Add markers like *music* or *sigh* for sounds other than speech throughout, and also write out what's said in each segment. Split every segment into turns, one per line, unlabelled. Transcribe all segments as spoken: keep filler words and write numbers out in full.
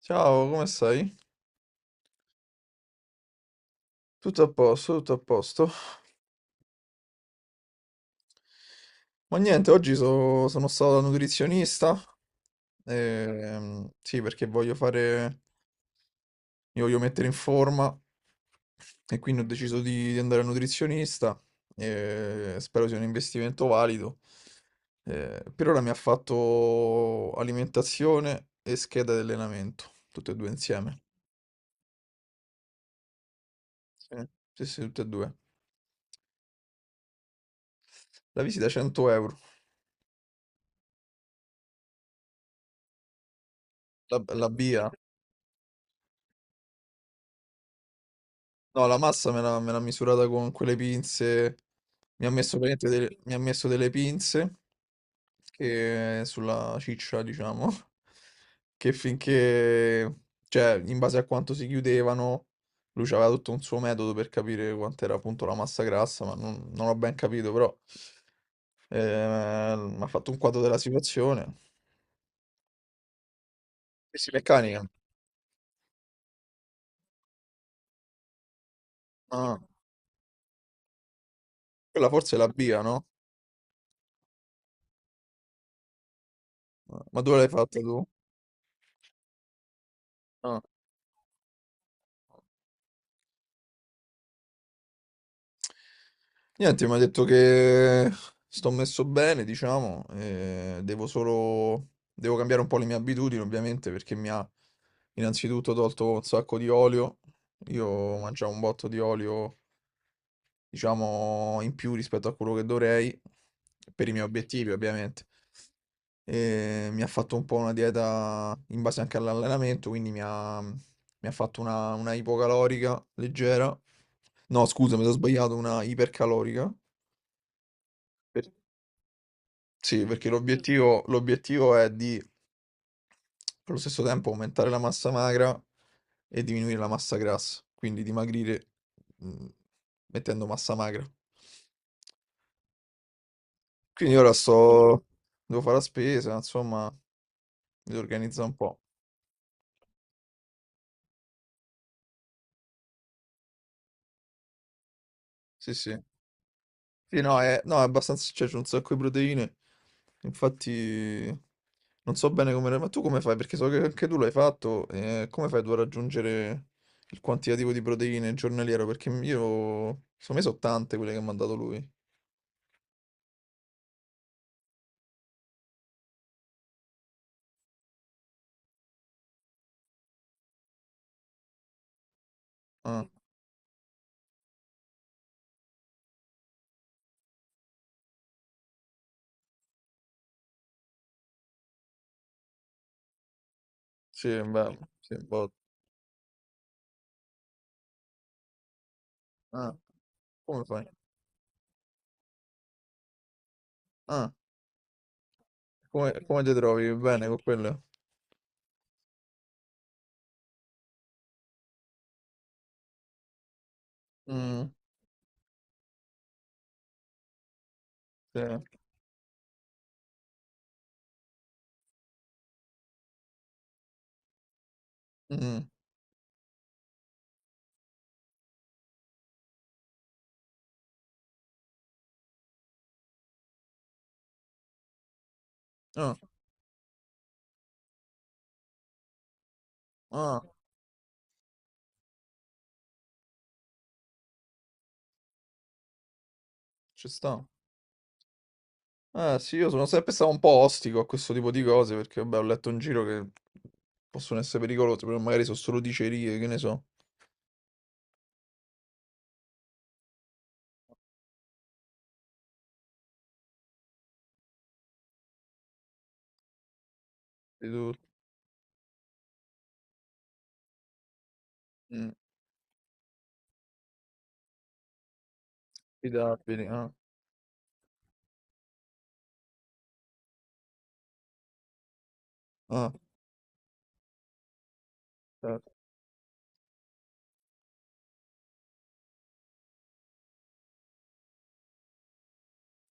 Ciao, come stai? Tutto a posto, tutto a posto. Ma niente, oggi so- sono stato da nutrizionista. Ehm, sì, perché voglio fare, mi voglio mettere in forma e quindi ho deciso di, di andare al nutrizionista. E spero sia un investimento valido. Eh, per ora mi ha fatto alimentazione e scheda di allenamento, tutte e due insieme. Sì, sì, sì, tutte e due. La visita cento euro. La, la B I A. No, la massa me l'ha me l'ha misurata con quelle pinze. Mi ha messo, praticamente delle, mi ha messo delle pinze che sulla ciccia, diciamo, *laughs* che finché, cioè, in base a quanto si chiudevano, lui aveva tutto un suo metodo per capire quant'era appunto la massa grassa, ma non, non ho ben capito, però eh, mi ha fatto un quadro della situazione. Pessi meccanica. Ah, quella forse è la B I A, no? Ma dove l'hai fatta tu? Ah. Niente, mi ha detto che sto messo bene, diciamo, e devo solo... devo cambiare un po' le mie abitudini, ovviamente, perché mi ha innanzitutto tolto un sacco di olio. Io mangiavo un botto di olio, diciamo, in più rispetto a quello che dovrei, per i miei obiettivi, ovviamente. E mi ha fatto un po' una dieta in base anche all'allenamento, quindi mi ha, mi ha fatto una, una ipocalorica leggera. No, scusa, mi sono sbagliato, una ipercalorica. Per- Sì, perché l'obiettivo l'obiettivo è di, allo stesso tempo, aumentare la massa magra e diminuire la massa grassa, quindi dimagrire mm, mettendo massa magra. Quindi ora Mm. sto, devo fare la spesa, insomma, mi organizzo un po'. Sì, sì. Sì, no, è, no, è abbastanza, cioè, c'è un sacco di proteine. Infatti, non so bene come... Ma tu come fai? Perché so che anche tu l'hai fatto. Eh, come fai tu a raggiungere il quantitativo di proteine giornaliero? Perché io... Secondo me sono tante quelle che mi ha dato lui. Ah, sì, beh, sì, un botto. Ah, come fai? Ah, come, come ti trovi? Bene con quelle? Mm, sì. Mm, ah, ah, ci sta. Eh sì, io sono sempre stato un po' ostico a questo tipo di cose perché vabbè, ho letto in giro che possono essere pericolose, però magari sono solo dicerie, che ne so. Di tutto. Mm, affidabili, ah, ah, certo,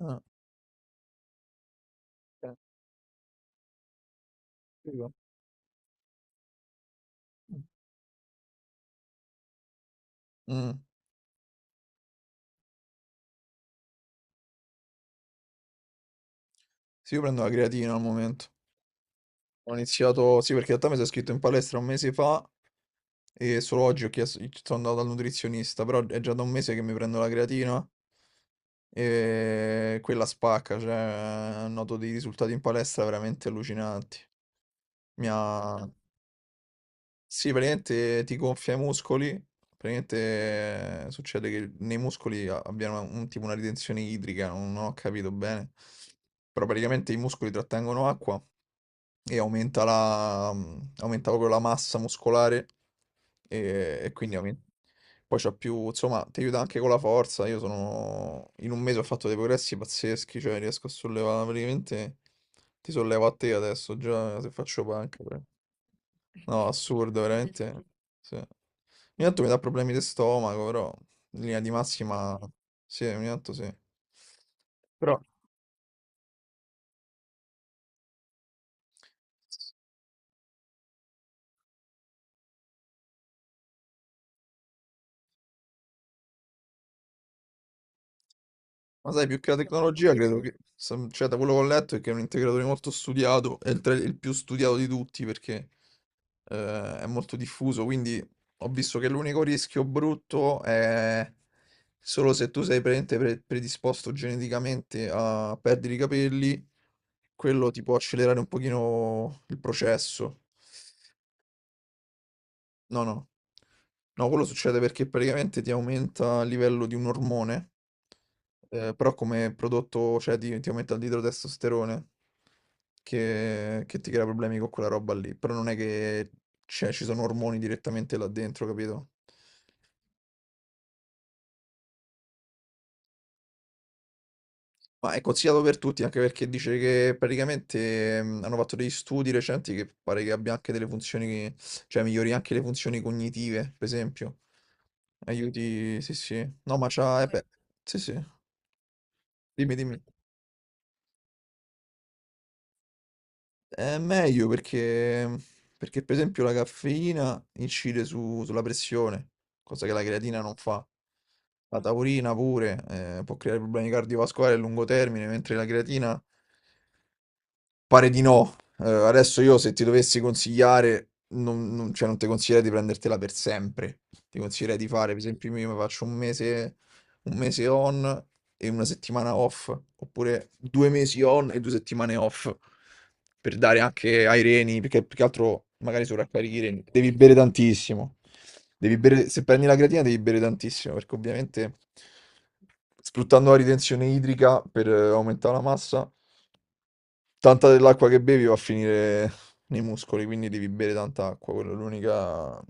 ah, certo, figo. Mm. Sì, io prendo la creatina al momento. Ho iniziato, sì, perché in realtà mi sono iscritto in palestra un mese fa. E solo oggi ho chiesto, sono andato dal nutrizionista, però è già da un mese che mi prendo la creatina e quella spacca, cioè noto dei risultati in palestra veramente allucinanti. Mi ha... Sì, praticamente ti gonfia i muscoli, praticamente eh, succede che nei muscoli a- abbiano un, tipo una ritenzione idrica, non non ho capito bene, però praticamente i muscoli trattengono acqua e aumenta la, mm, aumenta proprio la massa muscolare e, e quindi ovvi- poi c'ho più, insomma, ti aiuta anche con la forza. Io sono, in un mese ho fatto dei progressi pazzeschi, cioè riesco a sollevare praticamente, ti sollevo a te adesso, già se faccio panca. pre- No, assurdo, veramente. Sì. Ogni tanto mi dà problemi di stomaco, però in linea di massima, sì, ogni tanto sì. Però... Ma sai, più che la tecnologia, credo che, sam- cioè, da quello che ho letto, è che è un integratore molto studiato, è il, tra- il più studiato di tutti perché eh, è molto diffuso, quindi ho visto che l'unico rischio brutto è solo se tu sei praticamente pre- predisposto geneticamente a perdere i capelli, quello ti può accelerare un pochino il processo. No, no. No, quello succede perché praticamente ti aumenta il livello di un ormone, eh, però come prodotto, cioè ti, ti aumenta il idrotestosterone che, che ti crea problemi con quella roba lì. Però non è che cioè, ci sono ormoni direttamente là dentro, capito? Ma è consigliato per tutti, anche perché dice che praticamente mm, hanno fatto degli studi recenti che pare che abbia anche delle funzioni, che- cioè migliori anche le funzioni cognitive, per esempio. Aiuti, sì, sì. No, ma c'ha, eh, beh, sì, sì. Dimmi, dimmi. È meglio perché, perché, per esempio, la caffeina incide su- sulla pressione, cosa che la creatina non fa. La taurina pure, eh, può creare problemi cardiovascolari a lungo termine, mentre la creatina pare di no. Eh, adesso io se ti dovessi consigliare, non, non- cioè, non ti consiglierei di prendertela per sempre. Ti consiglierei di fare, per esempio, io mi faccio un mese, un mese on e una settimana off, oppure due mesi on e due settimane off, per dare anche ai reni, perché più che altro magari sovraccarichi i reni. Devi bere tantissimo. Devi bere, se prendi la creatina devi bere tantissimo, perché ovviamente sfruttando la ritenzione idrica per eh, aumentare la massa. Tanta dell'acqua che bevi va a finire nei muscoli, quindi devi bere tanta acqua, quella è l'unica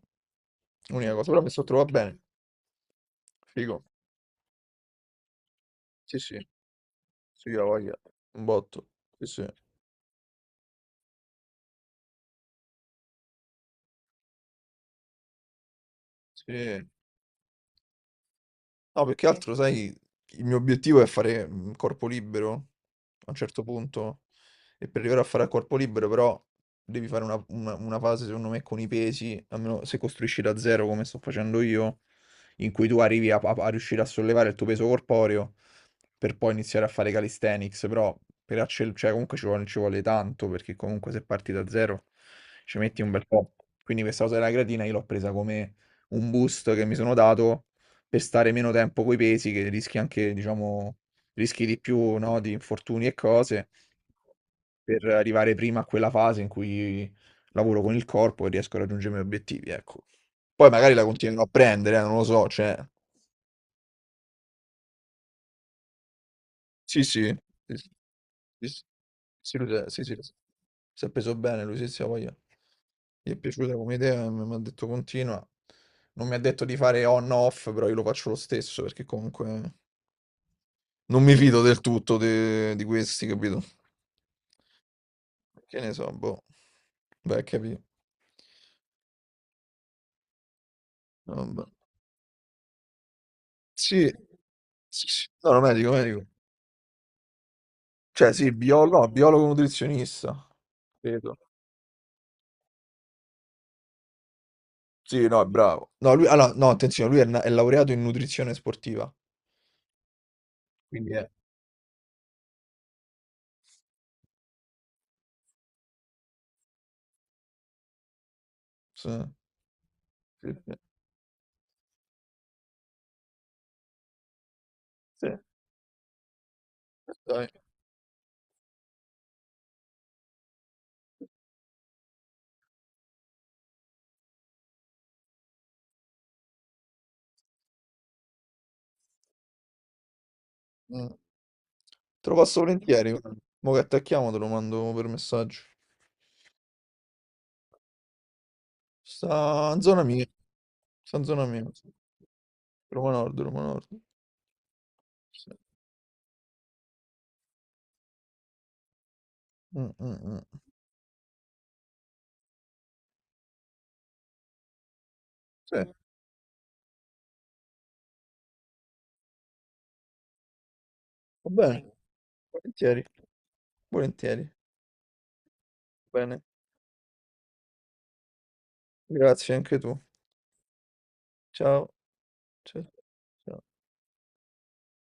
l'unica cosa. Però mi sono trovato bene, figo. Sì, sì, sì, la voglia. Un botto. Sì, sì. Sì. No, più che Sì. altro, sai, il mio obiettivo è fare mm, corpo libero a un certo punto. E per arrivare a fare a corpo libero, però, devi fare una, una- una fase, secondo me, con i pesi, almeno se costruisci da zero, come sto facendo io, in cui tu arrivi a, a- a riuscire a sollevare il tuo peso corporeo per poi iniziare a fare calisthenics. Però, per accel- cioè, comunque ci vuole, ci vuole tanto, perché comunque se parti da zero ci metti un bel po'. Quindi questa cosa della creatina io l'ho presa come un boost che mi sono dato per stare meno tempo coi pesi, che rischi anche, diciamo, rischi di più, no, di infortuni e cose, per arrivare prima a quella fase in cui lavoro con il corpo e riesco a raggiungere i miei obiettivi, ecco. Poi magari la continuerò a prendere, eh, non lo so, cioè... Sì, sì, sì, sì, sì, sì, lui si è sì, sì, lo sa. Si è preso bene, lui sì, sì, ha voglia. Gli è piaciuta come idea, mi mi ha detto continua. Non mi ha detto di fare on-off, però io lo faccio lo stesso, perché comunque... Non mi fido del tutto de di questi, capito? Che ne so, boh. Vai a capì. Vabbè. Sì. Sì, sì. No, no, medico, medico. Cioè sì, bio no, biologo nutrizionista, credo. Sì, no, è bravo. No, lui allora, no, attenzione, lui è, na- è laureato in nutrizione sportiva. Quindi è. Sì, sì, sì, sì, dai. Mm. Te lo passo volentieri, guarda. Mo che attacchiamo te lo mando per messaggio. Sta in zona mia, sta in zona mia, sì. Roma Nord, Roma Nord. Sì. Mm, mm, mm. Sì. Va bene, volentieri, volentieri. Bene, grazie anche tu. Ciao, ciao, ciao.